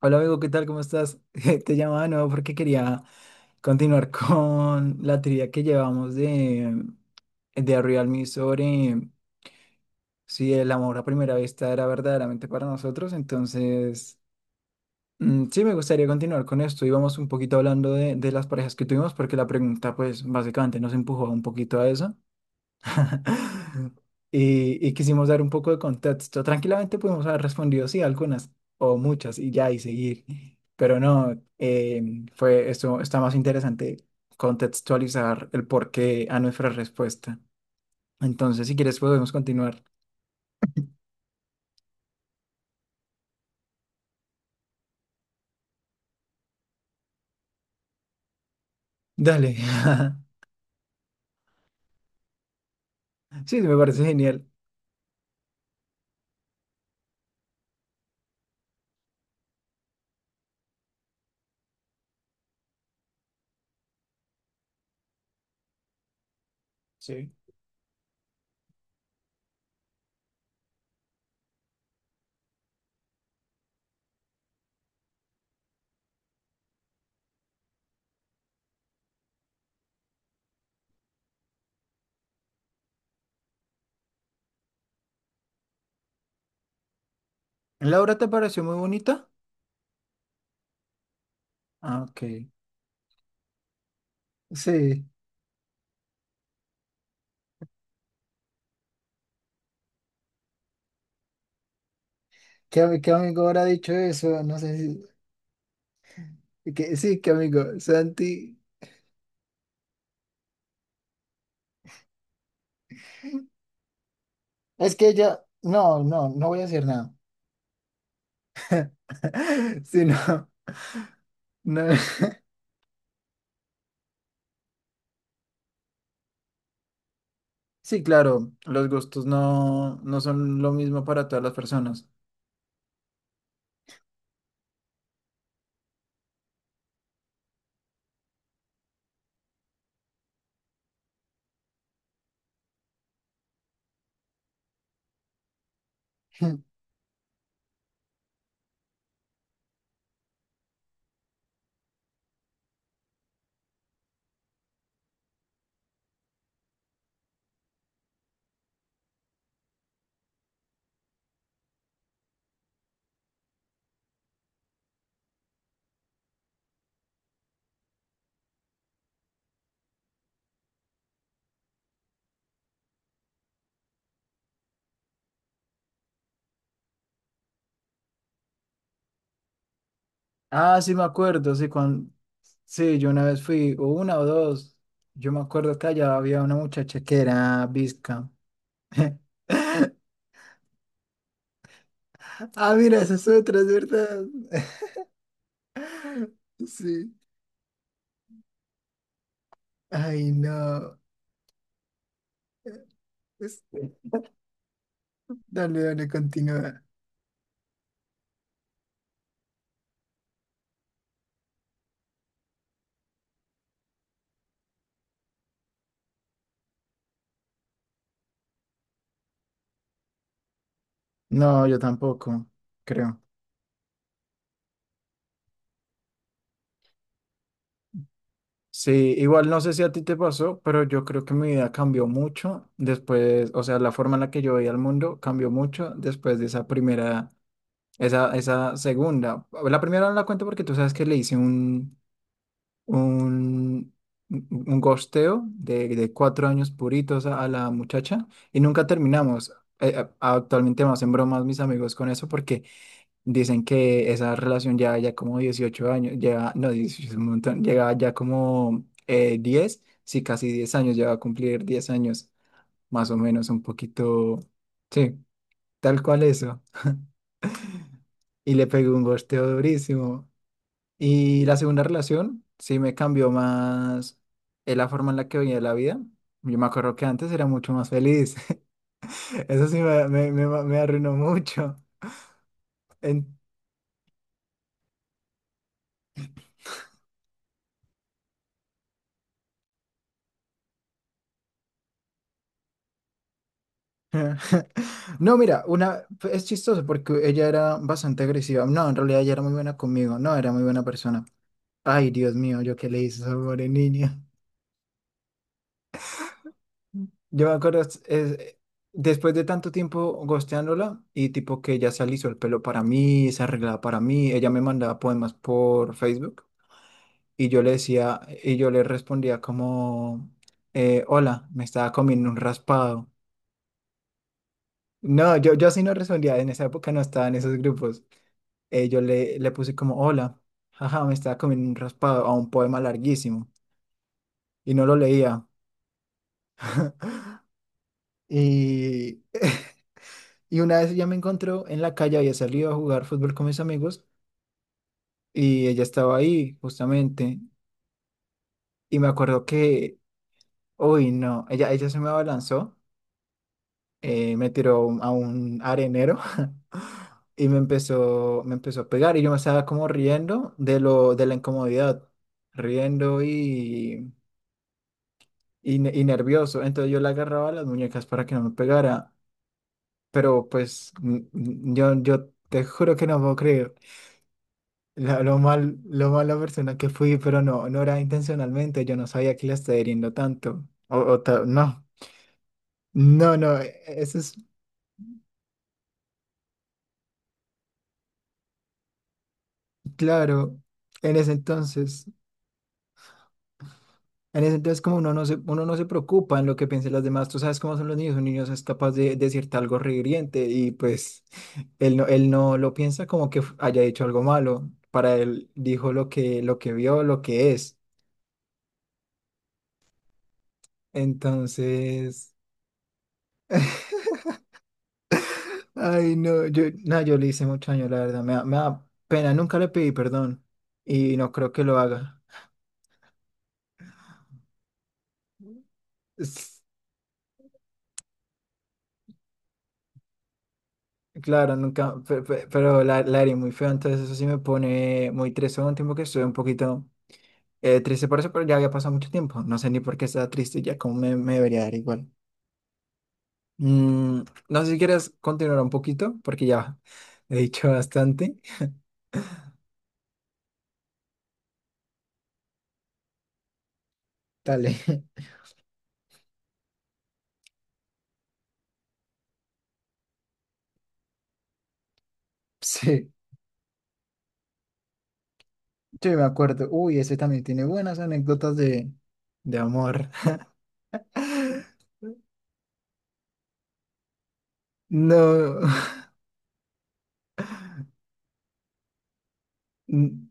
Hola amigo, ¿qué tal? ¿Cómo estás? Te llamaba de nuevo porque quería continuar con la teoría que llevamos de Realme sobre si el amor a primera vista era verdaderamente para nosotros. Entonces, mm, sí, me gustaría continuar con esto. Íbamos un poquito hablando de las parejas que tuvimos porque la pregunta, pues, básicamente nos empujó un poquito a eso. Y quisimos dar un poco de contexto. Tranquilamente pudimos haber respondido sí, algunas o muchas y ya y seguir. Pero no, fue esto, está más interesante contextualizar el porqué a nuestra respuesta. Entonces, si quieres, podemos continuar. Dale. Sí, me parece genial. Sí. la ¿Laura te pareció muy bonita? Ah, ok. Sí, ¿qué, ami- qué amigo habrá dicho eso? No sé si... Que, sí, qué amigo. Santi. Es que ella, no, no, no voy a decir nada. Sí, no, no. Sí, claro, los gustos no, no son lo mismo para todas las personas. Ah, sí, me acuerdo, sí, cuando, sí, yo una vez fui, o una o dos, yo me acuerdo que allá había una muchacha que era bizca. Ah, mira, esa es otra, es verdad. Sí. Ay, no. Es- Dale, dale, continúa. No, yo tampoco, creo. Sí, igual no sé si a ti te pasó, pero yo creo que mi vida cambió mucho después, o sea, la forma en la que yo veía el mundo cambió mucho después de esa primera, esa segunda. La primera no la cuento porque tú sabes que le hice un, un gosteo de 4 años puritos a la muchacha y nunca terminamos. Actualmente me hacen bromas mis amigos con eso porque dicen que esa relación ya, ya como 18 años, lleva, no, 18 es un montón, llegaba ya como 10, sí, casi 10 años, ya va a cumplir 10 años, más o menos, un poquito, sí, tal cual eso. Y le pegué un gosteo durísimo. Y la segunda relación, sí me cambió más la forma en la que veía la vida. Yo me acuerdo que antes era mucho más feliz, eso sí me arruinó mucho. No, mira, una es chistoso porque ella era bastante agresiva. No, en realidad ella era muy buena conmigo. No, era muy buena persona. Ay, Dios mío, yo qué le hice a esa pobre niña. Yo me acuerdo, después de tanto tiempo gosteándola y tipo que ella se alisó el pelo para mí, se arreglaba para mí, ella me mandaba poemas por Facebook y yo le respondía como, hola, me estaba comiendo un raspado. No, yo así no respondía, en esa época no estaba en esos grupos. Yo le puse como, hola, jaja, me estaba comiendo un raspado a un poema larguísimo y no lo leía. Y, y una vez ella me encontró en la calle, había salido a jugar fútbol con mis amigos y ella estaba ahí justamente. Y me acuerdo que, uy, no, ella se me abalanzó, me tiró a un arenero y me empezó a pegar y yo me estaba como riendo de de la incomodidad, riendo y nervioso. Entonces yo le agarraba las muñecas para que no me pegara. Pero pues yo te juro que no puedo creer lo mala persona que fui, pero no, no era intencionalmente. Yo no sabía que la estaba hiriendo tanto. No, no, no, eso es claro. En ese entonces. En ese entonces como uno no se preocupa en lo que piensen los demás, tú sabes cómo son los niños, un niño es capaz de decirte algo rehiriente y pues él no lo piensa como que haya hecho algo malo, para él dijo lo que vio, lo que es. Entonces, ay no, no, yo le hice mucho daño, la verdad, me da pena, nunca le pedí perdón y no creo que lo haga. Es- Claro, nunca, pero, la herida muy fea. Entonces eso sí me pone muy triste. Hubo un tiempo que estuve un poquito triste por eso, pero ya había pasado mucho tiempo. No sé ni por qué estaba triste, ya como me debería dar igual. Mm, no sé si quieres continuar un poquito, porque ya he dicho bastante. Dale. Sí, yo me acuerdo. Uy, ese también tiene buenas anécdotas de amor. No. Mm,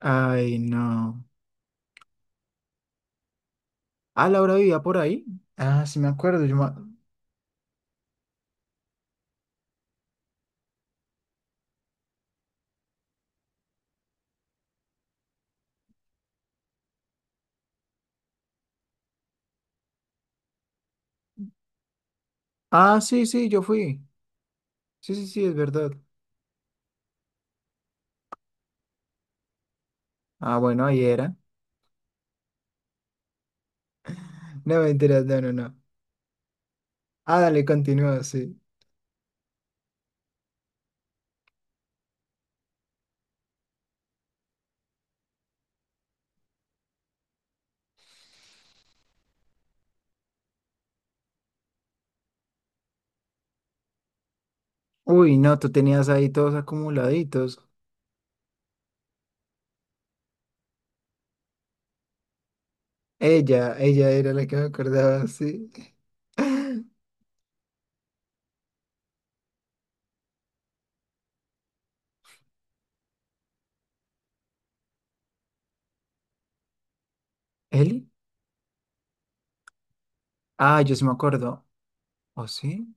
ay, no. Ah, Laura vivía por ahí. Ah, sí, me acuerdo. Yo ma- Ah, sí, sí, yo fui. Sí, sí, sí, es verdad. Ah, bueno, ahí era. No, mentiras, no, no, no. Ah, dale, continúa, sí. Uy, no, tú tenías ahí todos acumuladitos. Ella era la que me acordaba, sí. ¿Eli? Ah, yo sí me acuerdo. ¿O sí?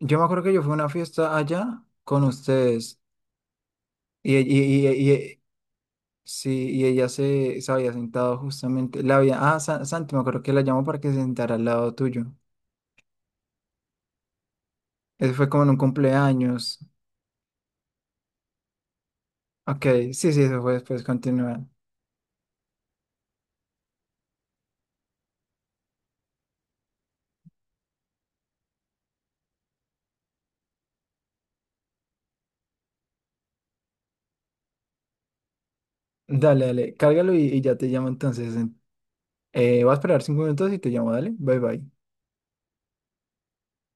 Yo me acuerdo que yo fui a una fiesta allá con ustedes. Y, y, y, y- y- sí, y ella se había sentado justamente. La había, ah, Santi, me acuerdo que la llamó para que se sentara al lado tuyo. Eso fue como en un cumpleaños. Ok, sí, sí, eso fue después. Continúa. Dale, dale, cárgalo y ya te llamo entonces. Voy a esperar 5 minutos y te llamo, dale. Bye bye.